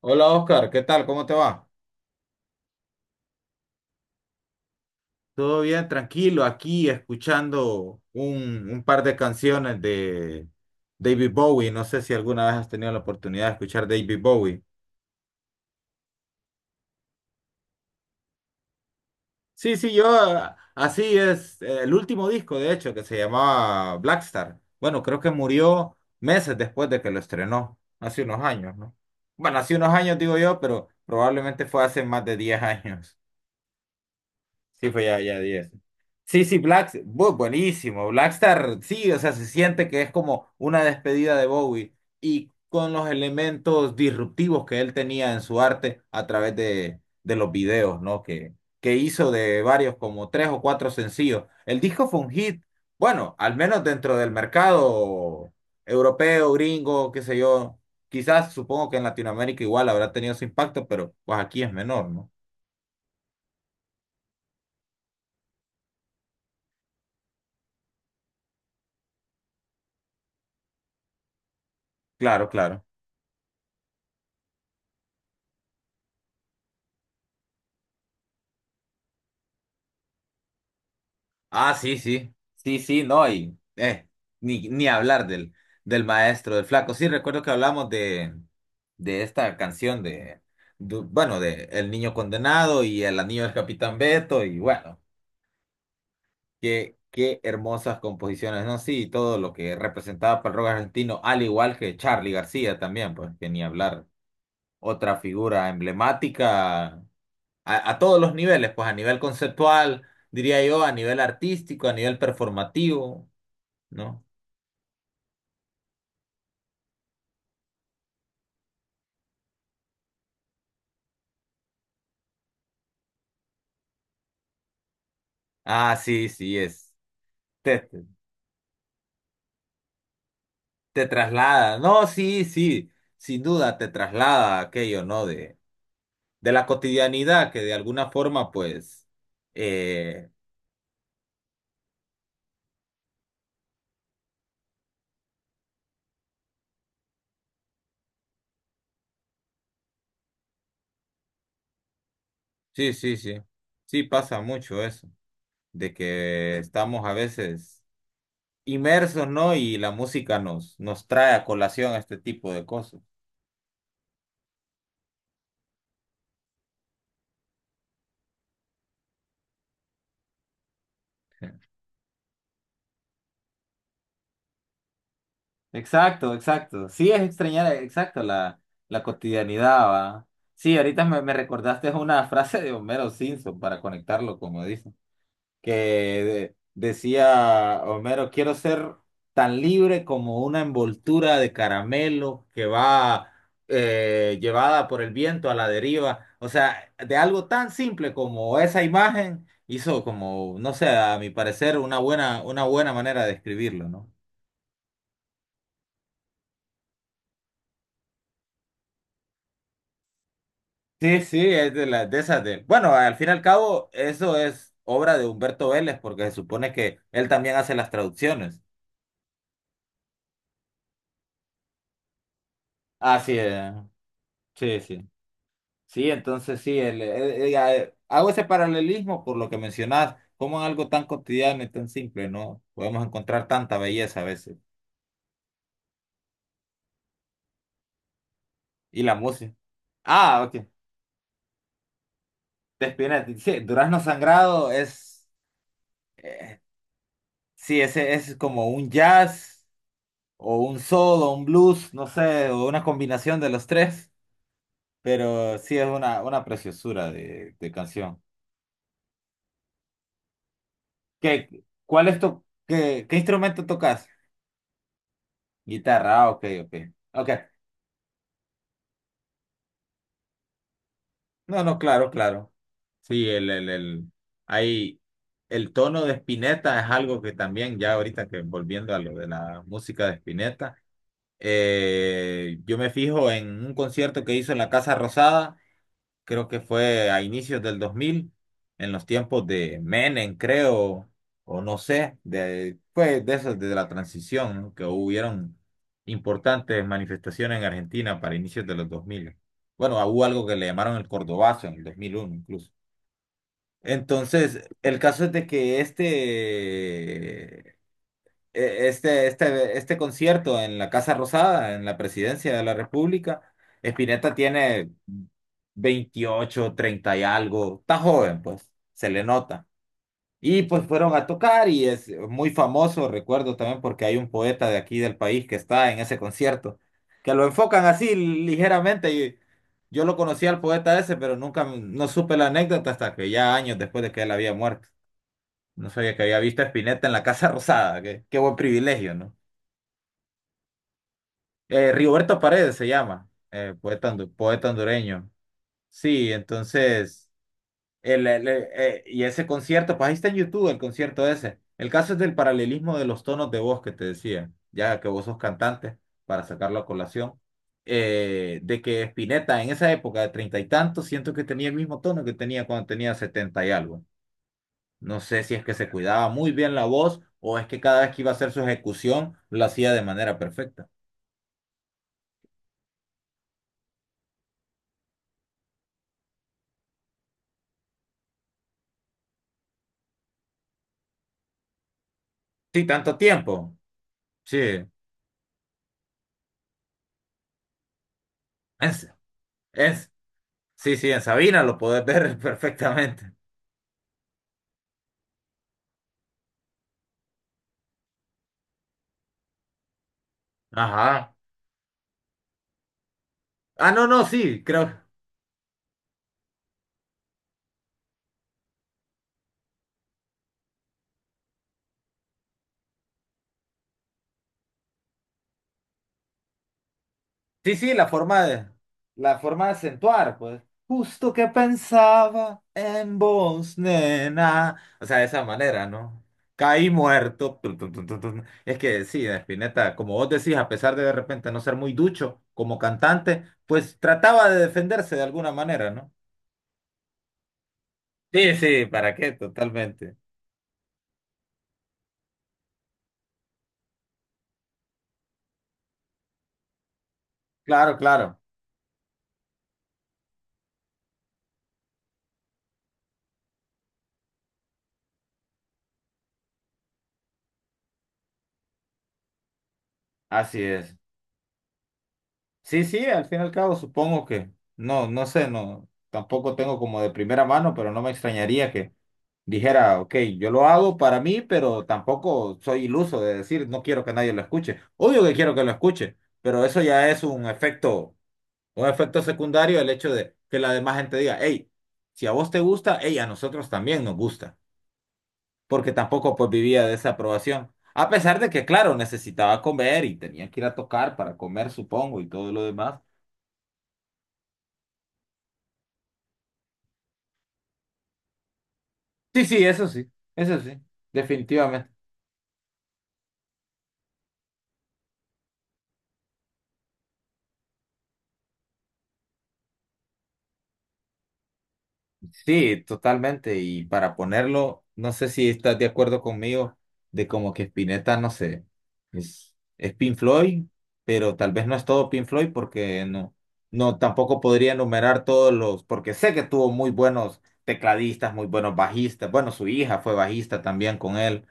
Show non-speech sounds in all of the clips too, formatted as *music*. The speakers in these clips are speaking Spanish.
Hola Oscar, ¿qué tal? ¿Cómo te va? Todo bien, tranquilo, aquí escuchando un par de canciones de David Bowie. No sé si alguna vez has tenido la oportunidad de escuchar David Bowie. Sí, sí, así es, el último disco de hecho que se llamaba Blackstar. Bueno, creo que murió meses después de que lo estrenó, hace unos años, ¿no? Bueno, hace unos años digo yo, pero probablemente fue hace más de 10 años. Sí, fue ya, ya 10. Sí, sí, buenísimo. Blackstar, sí, o sea, se siente que es como una despedida de Bowie y con los elementos disruptivos que él tenía en su arte a través de los videos, ¿no? Que hizo de varios, como tres o cuatro sencillos. El disco fue un hit, bueno, al menos dentro del mercado europeo, gringo, qué sé yo. Quizás supongo que en Latinoamérica igual habrá tenido su impacto, pero pues aquí es menor, ¿no? Claro, claro. Ah, sí, sí, sí, sí, no, y ni hablar del maestro, del flaco. Sí, recuerdo que hablamos de esta canción bueno, de El Niño Condenado y El Anillo del Capitán Beto, y bueno, qué hermosas composiciones, ¿no? Sí, todo lo que representaba para el rock argentino, al igual que Charly García también, pues que ni hablar. Otra figura emblemática a todos los niveles, pues a nivel conceptual, diría yo, a nivel artístico, a nivel performativo. ¿No? Ah, sí, sí, es. Te, te traslada. No, sí, sí, sin duda te traslada a aquello, ¿no? De la cotidianidad que de alguna forma, pues, eh, sí, sí, sí. Sí pasa mucho eso, de que estamos a veces inmersos, ¿no? Y la música nos trae a colación este tipo de cosas. Exacto, exacto. Sí, es extrañar, exacto, la cotidianidad, ¿va? Sí, ahorita me recordaste una *laughs* frase de Homero Simpson para conectarlo, como dicen, que decía Homero, quiero ser tan libre como una envoltura de caramelo que va, llevada por el viento a la deriva. O sea, de algo tan simple como esa imagen hizo como, no sé, a mi parecer, una buena manera de escribirlo, ¿no? Sí, sí, es de las de esas de. Bueno, al fin y al cabo, eso es obra de Humberto Vélez, porque se supone que él también hace las traducciones. Así es, sí, sí. Sí, entonces sí, hago ese paralelismo por lo que mencionas, como en algo tan cotidiano y tan simple, ¿no? Podemos encontrar tanta belleza a veces. Y la música. Ah, ok. De Spinetta. Sí, Durazno Sangrado es. Sí, ese es como un jazz, o un soul, o un blues, no sé, o una combinación de los tres. Pero sí es una preciosura de canción. ¿Qué, cuál es tu, qué, qué instrumento tocas? Guitarra, ah, ok, ok. Ok. No, no, claro, claro. Sí, hay, el tono de Spinetta es algo que también, ya ahorita que volviendo a lo de la música de Spinetta, yo me fijo en un concierto que hizo en la Casa Rosada. Creo que fue a inicios del 2000, en los tiempos de Menem, creo, o no sé, pues de esas, de la transición, ¿no? Que hubieron importantes manifestaciones en Argentina para inicios de los 2000. Bueno, hubo algo que le llamaron el Cordobazo en el 2001 incluso. Entonces, el caso es de que este concierto en la Casa Rosada, en la Presidencia de la República, Spinetta tiene 28, 30 y algo, está joven, pues, se le nota. Y pues fueron a tocar y es muy famoso, recuerdo también porque hay un poeta de aquí del país que está en ese concierto, que lo enfocan así ligeramente, y yo lo conocí al poeta ese, pero nunca no supe la anécdota hasta que ya años después de que él había muerto. No sabía que había visto a Spinetta en la Casa Rosada, qué buen privilegio, ¿no? Rigoberto Paredes se llama, poeta, poeta hondureño. Sí, entonces, y ese concierto, pues ahí está en YouTube el concierto ese. El caso es del paralelismo de los tonos de voz que te decía, ya que vos sos cantante, para sacarlo a colación, de que Spinetta en esa época de treinta y tantos, siento que tenía el mismo tono que tenía cuando tenía setenta y algo. No sé si es que se cuidaba muy bien la voz o es que cada vez que iba a hacer su ejecución lo hacía de manera perfecta. Sí, tanto tiempo. Sí. En S- en S- sí, sí, en Sabina lo podés ver *laughs* perfectamente. Ajá. Ah, no, no, sí, creo. Sí, sí, la forma de acentuar, pues. Justo que pensaba en vos, nena. O sea, de esa manera, ¿no? Caí muerto. Tun, tun, tun, tun, tun. Es que sí, Spinetta, como vos decís, a pesar de repente no ser muy ducho como cantante, pues trataba de defenderse de alguna manera, ¿no? Sí, sí, ¿para qué? Totalmente. Claro, claro. Así es. Sí, sí, al fin y al cabo supongo que, no, no sé, no, tampoco tengo como de primera mano, pero no me extrañaría que dijera, ok, yo lo hago para mí, pero tampoco soy iluso de decir, no quiero que nadie lo escuche. Obvio que quiero que lo escuche, pero eso ya es un efecto secundario, el hecho de que la demás gente diga, hey, si a vos te gusta, hey, a nosotros también nos gusta, porque tampoco pues vivía de esa aprobación. A pesar de que, claro, necesitaba comer y tenía que ir a tocar para comer, supongo, y todo lo demás. Sí, sí, eso sí, eso sí, definitivamente. Sí, totalmente. Y para ponerlo, no sé si estás de acuerdo conmigo de como que Spinetta, no sé, es Pink Floyd, pero tal vez no es todo Pink Floyd porque no, no, tampoco podría enumerar todos los, porque sé que tuvo muy buenos tecladistas, muy buenos bajistas. Bueno, su hija fue bajista también con él.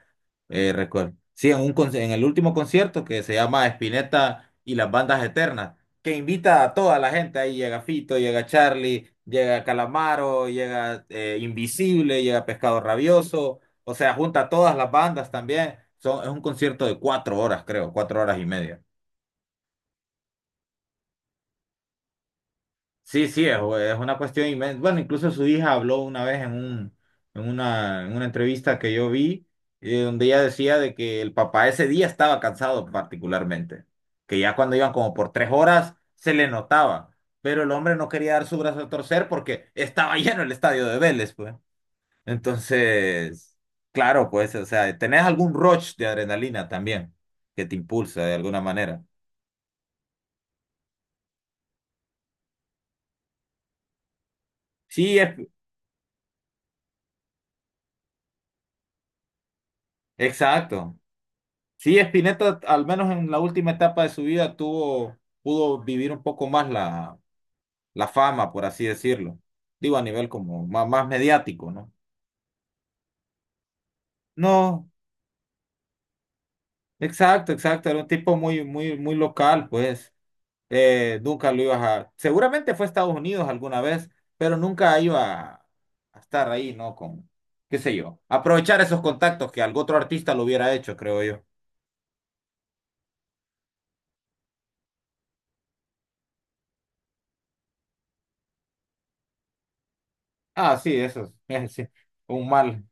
Recuerdo. Sí, en el último concierto que se llama Spinetta y las bandas eternas, que invita a toda la gente. Ahí llega Fito, llega Charlie, llega Calamaro, llega, Invisible, llega Pescado Rabioso. O sea, junta a todas las bandas también. Es un concierto de 4 horas, creo, 4 horas y media. Sí, sí, es una cuestión inmensa. Bueno, incluso su hija habló una vez en un, en una entrevista que yo vi, donde ella decía de que el papá ese día estaba cansado particularmente, que ya cuando iban como por 3 horas se le notaba, pero el hombre no quería dar su brazo a torcer porque estaba *laughs* lleno el estadio de Vélez, pues. Entonces, claro, pues, o sea, tenés algún rush de adrenalina también que te impulsa de alguna manera. Sí, exacto. Sí, Spinetta, al menos en la última etapa de su vida, pudo vivir un poco más la fama, por así decirlo. Digo, a nivel como más, mediático, ¿no? No, exacto, exacto. Era un tipo muy, muy, muy local, pues. Nunca lo ibas a. Seguramente fue a Estados Unidos alguna vez, pero nunca iba a estar ahí, ¿no? Qué sé yo. Aprovechar esos contactos que algún otro artista lo hubiera hecho, creo yo. Ah, sí, eso es, *laughs* sí, un mal.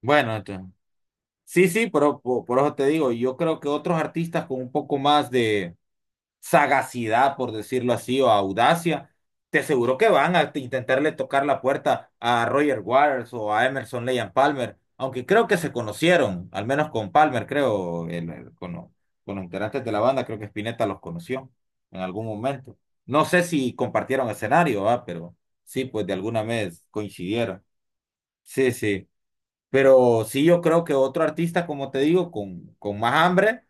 Bueno, entonces. Sí, sí, pero por, eso te digo, yo creo que otros artistas con un poco más de sagacidad, por decirlo así, o audacia, te aseguro que van a intentarle tocar la puerta a Roger Waters o a Emerson Leigh Palmer, aunque creo que se conocieron, al menos con Palmer, creo, con los integrantes de la banda, creo que Spinetta los conoció en algún momento. No sé si compartieron escenario, ah, pero sí, pues de alguna vez coincidieron. Sí, sí. Pero sí yo creo que otro artista, como te digo, con más hambre,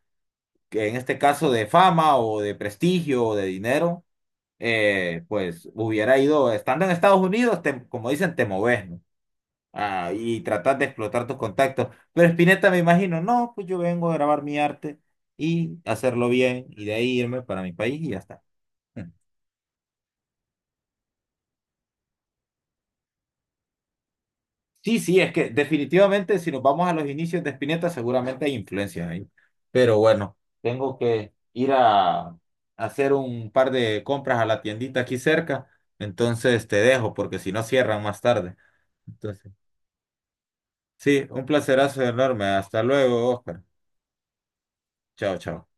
que en este caso de fama o de prestigio o de dinero, pues hubiera ido, estando en Estados Unidos, como dicen, te moves, ¿no? Ah, y tratar de explotar tus contactos. Pero Spinetta me imagino, no, pues yo vengo a grabar mi arte y hacerlo bien y de ahí irme para mi país y ya está. Sí, sí, es que definitivamente si nos vamos a los inicios de Spinetta seguramente hay influencia ahí. Pero bueno, tengo que ir a hacer un par de compras a la tiendita aquí cerca. Entonces te dejo porque si no cierran más tarde. Entonces, sí, un placerazo enorme. Hasta luego, Oscar. Chao, chao.